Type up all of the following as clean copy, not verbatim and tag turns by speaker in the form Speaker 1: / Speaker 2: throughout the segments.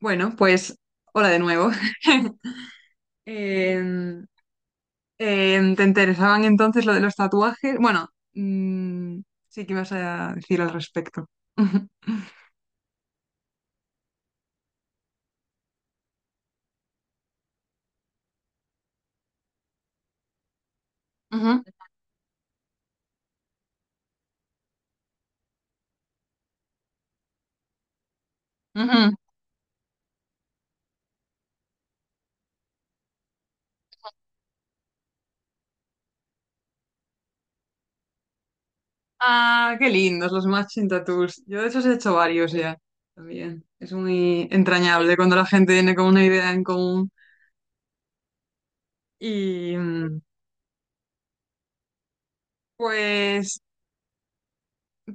Speaker 1: Bueno, pues hola de nuevo. Em, ¿te interesaban entonces lo de los tatuajes? Bueno, mm, sí. ¿Qué vas a decir al respecto? Ujú, ujú. Ah, qué lindos los matching tattoos. Yo de esos he hecho varios ya también. Es muy entrañable cuando la gente viene con una idea en común. Y pues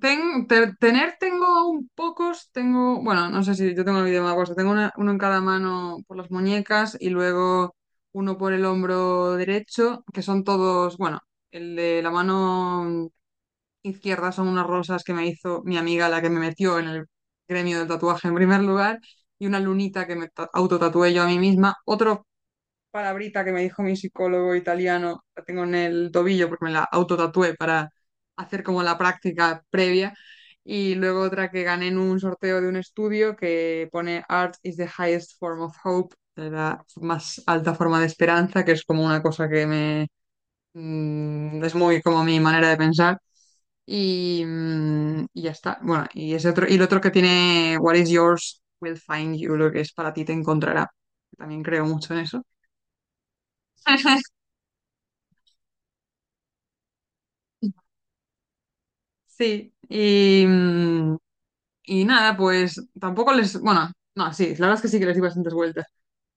Speaker 1: Ten- te- tener tengo un pocos, tengo, bueno, no sé si yo tengo el vídeo más puesto, tengo uno en cada mano por las muñecas y luego uno por el hombro derecho, que son todos, bueno, el de la mano izquierda son unas rosas que me hizo mi amiga, la que me metió en el gremio del tatuaje en primer lugar, y una lunita que me autotatué yo a mí misma. Otro palabrita que me dijo mi psicólogo italiano, la tengo en el tobillo porque me la autotatué para hacer como la práctica previa. Y luego otra que gané en un sorteo de un estudio que pone Art is the highest form of hope, la más alta forma de esperanza, que es como una cosa que me... es muy como mi manera de pensar. Y, y ya está. Bueno, y ese otro, y el otro que tiene What is yours will find you, lo que es para ti te encontrará. También creo mucho en eso. Sí, y, y nada, pues tampoco les, bueno, no, sí, la verdad es que sí que les di bastantes vueltas,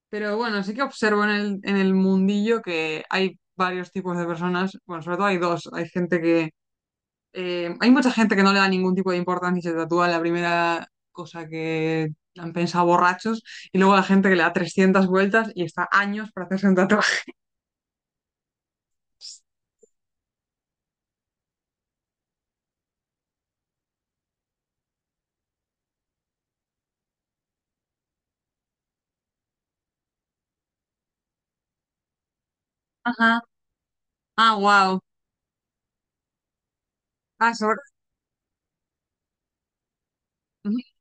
Speaker 1: pero bueno, sí que observo en el mundillo que hay varios tipos de personas, bueno, sobre todo hay dos, hay gente que, hay mucha gente que no le da ningún tipo de importancia y se tatúa la primera cosa que han pensado borrachos, y luego la gente que le da 300 vueltas y está años para hacerse un tatuaje. Ajá, ah, wow, ah, sobre. Ujú.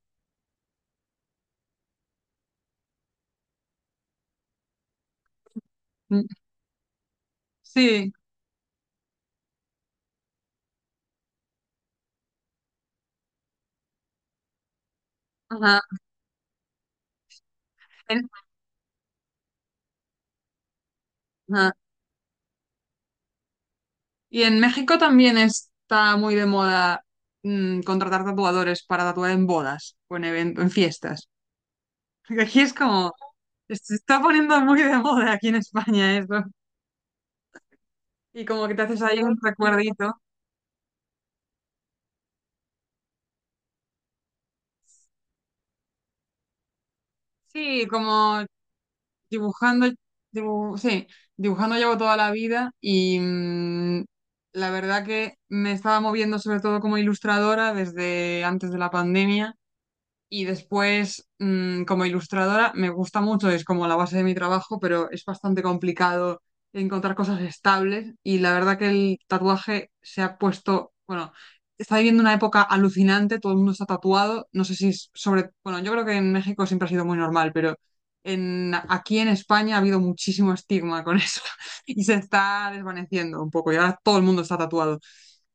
Speaker 1: Mm, sí, ajá. En- ajá. Y en México también está muy de moda contratar tatuadores para tatuar en bodas o en eventos, en fiestas. Porque aquí es como, se está poniendo muy de moda aquí en España eso. Y como que te haces ahí un recuerdito. Sí, como dibujando, sí, dibujando llevo toda la vida y la verdad que me estaba moviendo sobre todo como ilustradora desde antes de la pandemia. Y después, como ilustradora, me gusta mucho, es como la base de mi trabajo, pero es bastante complicado encontrar cosas estables. Y la verdad que el tatuaje se ha puesto, bueno, está viviendo una época alucinante, todo el mundo está tatuado. No sé si es sobre, bueno, yo creo que en México siempre ha sido muy normal, pero aquí en España ha habido muchísimo estigma con eso y se está desvaneciendo un poco. Y ahora todo el mundo está tatuado.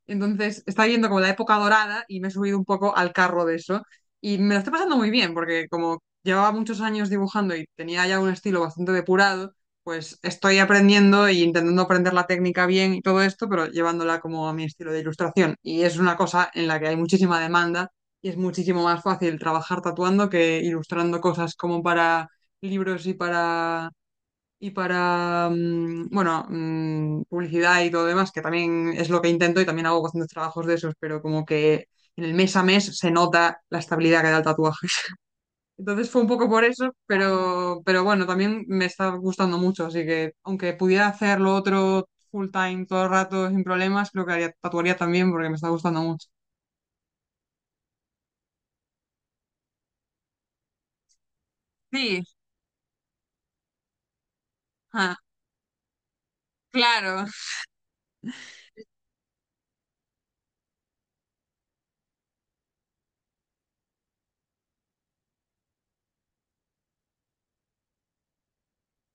Speaker 1: Entonces está yendo como la época dorada y me he subido un poco al carro de eso. Y me lo estoy pasando muy bien porque como llevaba muchos años dibujando y tenía ya un estilo bastante depurado, pues estoy aprendiendo y intentando aprender la técnica bien y todo esto, pero llevándola como a mi estilo de ilustración. Y es una cosa en la que hay muchísima demanda y es muchísimo más fácil trabajar tatuando que ilustrando cosas como para libros y para bueno, publicidad y todo lo demás, que también es lo que intento y también hago bastantes trabajos de esos, pero como que en el mes a mes se nota la estabilidad que da el tatuaje. Entonces fue un poco por eso, pero bueno, también me está gustando mucho, así que aunque pudiera hacer lo otro full time todo el rato sin problemas, creo que haría, tatuaría también porque me está gustando mucho. Sí, ah, claro,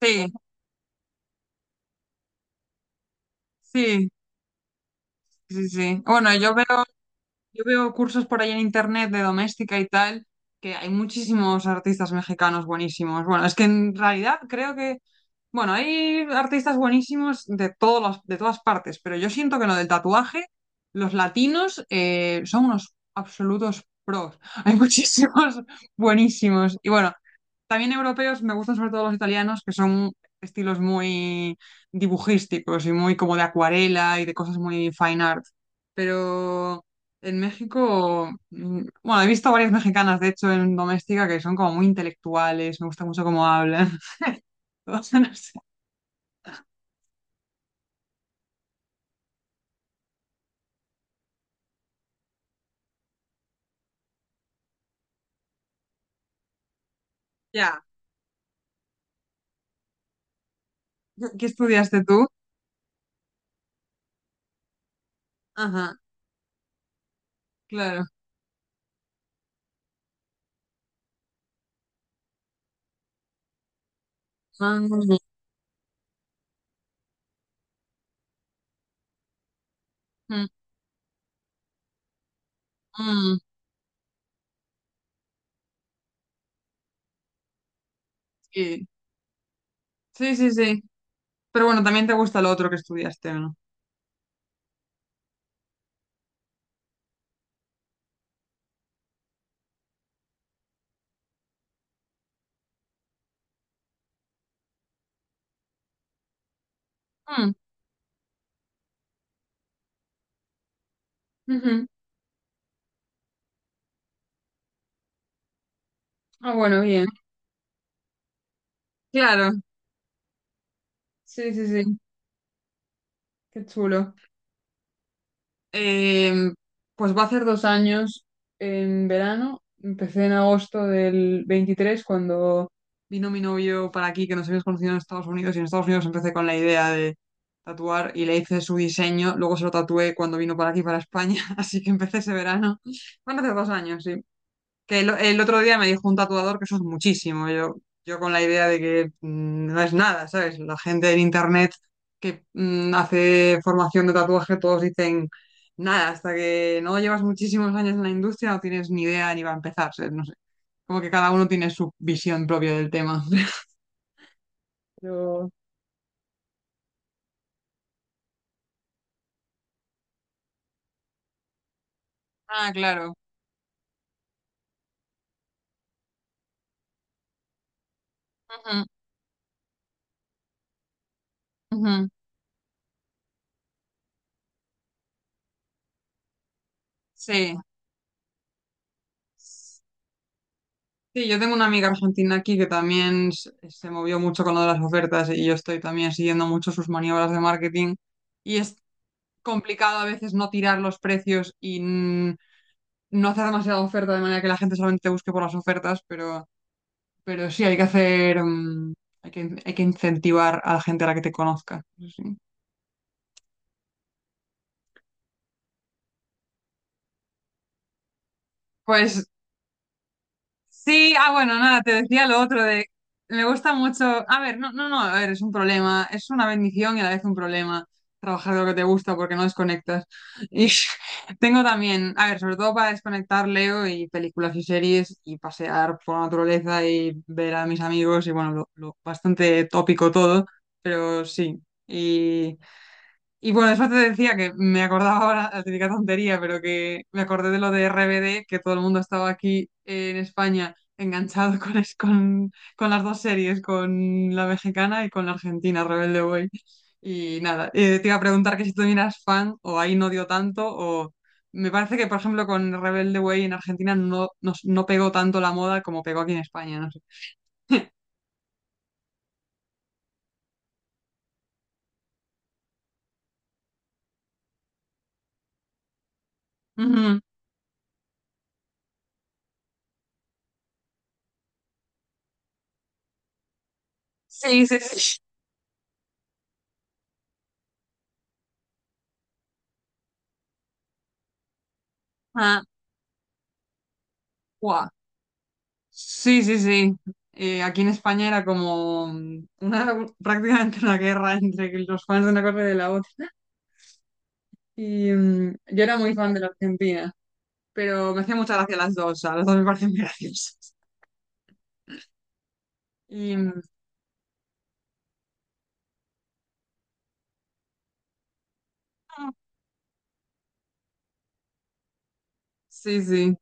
Speaker 1: sí, sí, sí, sí. Bueno, yo veo cursos por ahí en internet de doméstica y tal, que hay muchísimos artistas mexicanos buenísimos. Bueno, es que en realidad creo que, bueno, hay artistas buenísimos de de todas partes, pero yo siento que en lo del tatuaje, los latinos son unos absolutos pros. Hay muchísimos buenísimos. Y bueno, también europeos, me gustan sobre todo los italianos, que son estilos muy dibujísticos y muy como de acuarela y de cosas muy fine art. Pero en México, bueno, he visto varias mexicanas, de hecho, en Doméstica, que son como muy intelectuales, me gusta mucho cómo hablan. No sé. Ya. ¿Qué estudiaste tú? Ajá, claro. Ah, mm, mm, sí. Sí, sí, sí. Pero bueno, también te gusta lo otro que estudiaste, ¿o no? Mm, ujú. Ah, bueno, bien. Claro. Sí, sí, sí. Qué chulo. Eh, pues va a hacer 2 años en verano. Empecé en agosto del 23 cuando vino mi novio para aquí, que nos habíamos conocido en Estados Unidos. Y en Estados Unidos empecé con la idea de tatuar y le hice su diseño. Luego se lo tatué cuando vino para aquí, para España. Así que empecé ese verano. Van a hacer 2 años, sí. Que el otro día me dijo un tatuador que eso es muchísimo. Yo con la idea de que no es nada, ¿sabes? La gente en internet que hace formación de tatuaje, todos dicen nada, hasta que no llevas muchísimos años en la industria no tienes ni idea ni va a empezar, ¿sabes? No sé. Como que cada uno tiene su visión propia del tema. Pero- Ah, claro. Ujú, ujú. Sí. Sí, yo tengo una amiga argentina aquí que también se movió mucho con lo de las ofertas y yo estoy también siguiendo mucho sus maniobras de marketing y es complicado a veces no tirar los precios y no hacer demasiada oferta de manera que la gente solamente te busque por las ofertas, pero, sí hay que hacer, hay que incentivar a la gente a la que te conozca. Eso sí. Pues sí, ah, bueno, nada, te decía lo otro de, me gusta mucho, a ver, no, no, no, a ver, es un problema, es una bendición y a la vez un problema trabajar de lo que te gusta porque no desconectas. Y tengo también, a ver, sobre todo para desconectar, leo y películas y series y pasear por la naturaleza y ver a mis amigos y bueno, lo bastante tópico todo, pero sí. Y bueno, eso te decía que me acordaba ahora, la típica tontería, pero que me acordé de lo de RBD, que todo el mundo estaba aquí en España enganchado con las dos series, con la mexicana y con la argentina, Rebelde Way. Y nada, te iba a preguntar que si tú eras fan o ahí no dio tanto, o me parece que, por ejemplo, con Rebelde Way en Argentina no, no, no pegó tanto la moda como pegó aquí en España, no sé. Ujú. Sí, sí, sí. Ah, guau. Sí, sí, sí. Aquí en España era como una, prácticamente una guerra entre los fans de una cosa y de la otra. Y yo era muy fan de la Argentina, pero me hacía mucha gracia las dos, a las dos me parecen muy graciosas. Y sí, sí.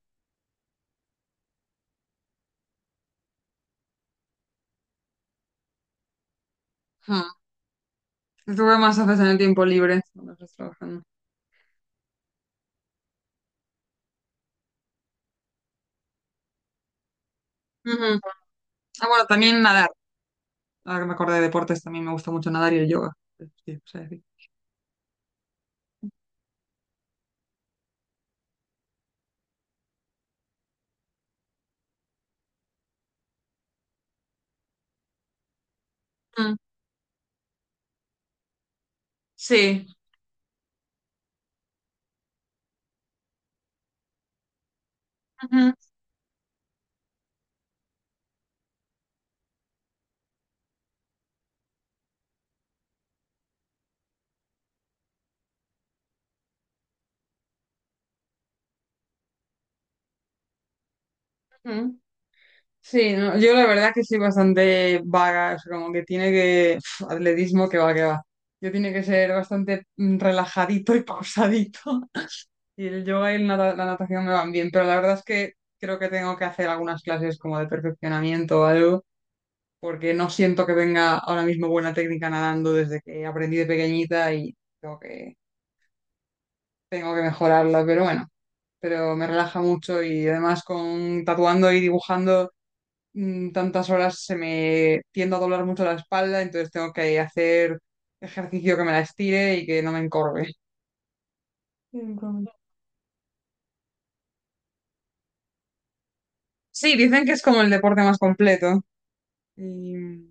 Speaker 1: Hmm. Tuve más haces en el tiempo libre cuando estás trabajando. Ujú. Ah, bueno, también nadar. Ahora que me acordé de deportes, también me gusta mucho nadar y el yoga. Sí, o sea, sí. Mm, sí. Ujú, ujú. Sí, no, yo la verdad que soy bastante vaga, o sea, como que tiene que... pf, atletismo que va, que va. Yo tiene que ser bastante relajadito y pausadito. Y el yoga y el la natación me van bien, pero la verdad es que creo que tengo que hacer algunas clases como de perfeccionamiento o algo, porque no siento que tenga ahora mismo buena técnica nadando desde que aprendí de pequeñita y tengo que, mejorarla, pero bueno, pero me relaja mucho y además con tatuando y dibujando. Tantas horas se me tiende a doblar mucho la espalda, entonces tengo que hacer ejercicio que me la estire y que no me encorve. Entonces, sí, dicen que es como el deporte más completo. Y...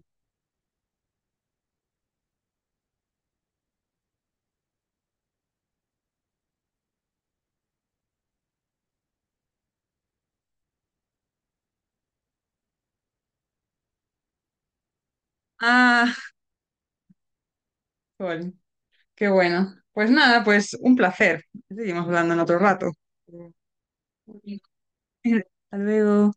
Speaker 1: Ah, bueno, qué bueno. Pues nada, pues un placer. Seguimos hablando en otro rato. Hasta luego.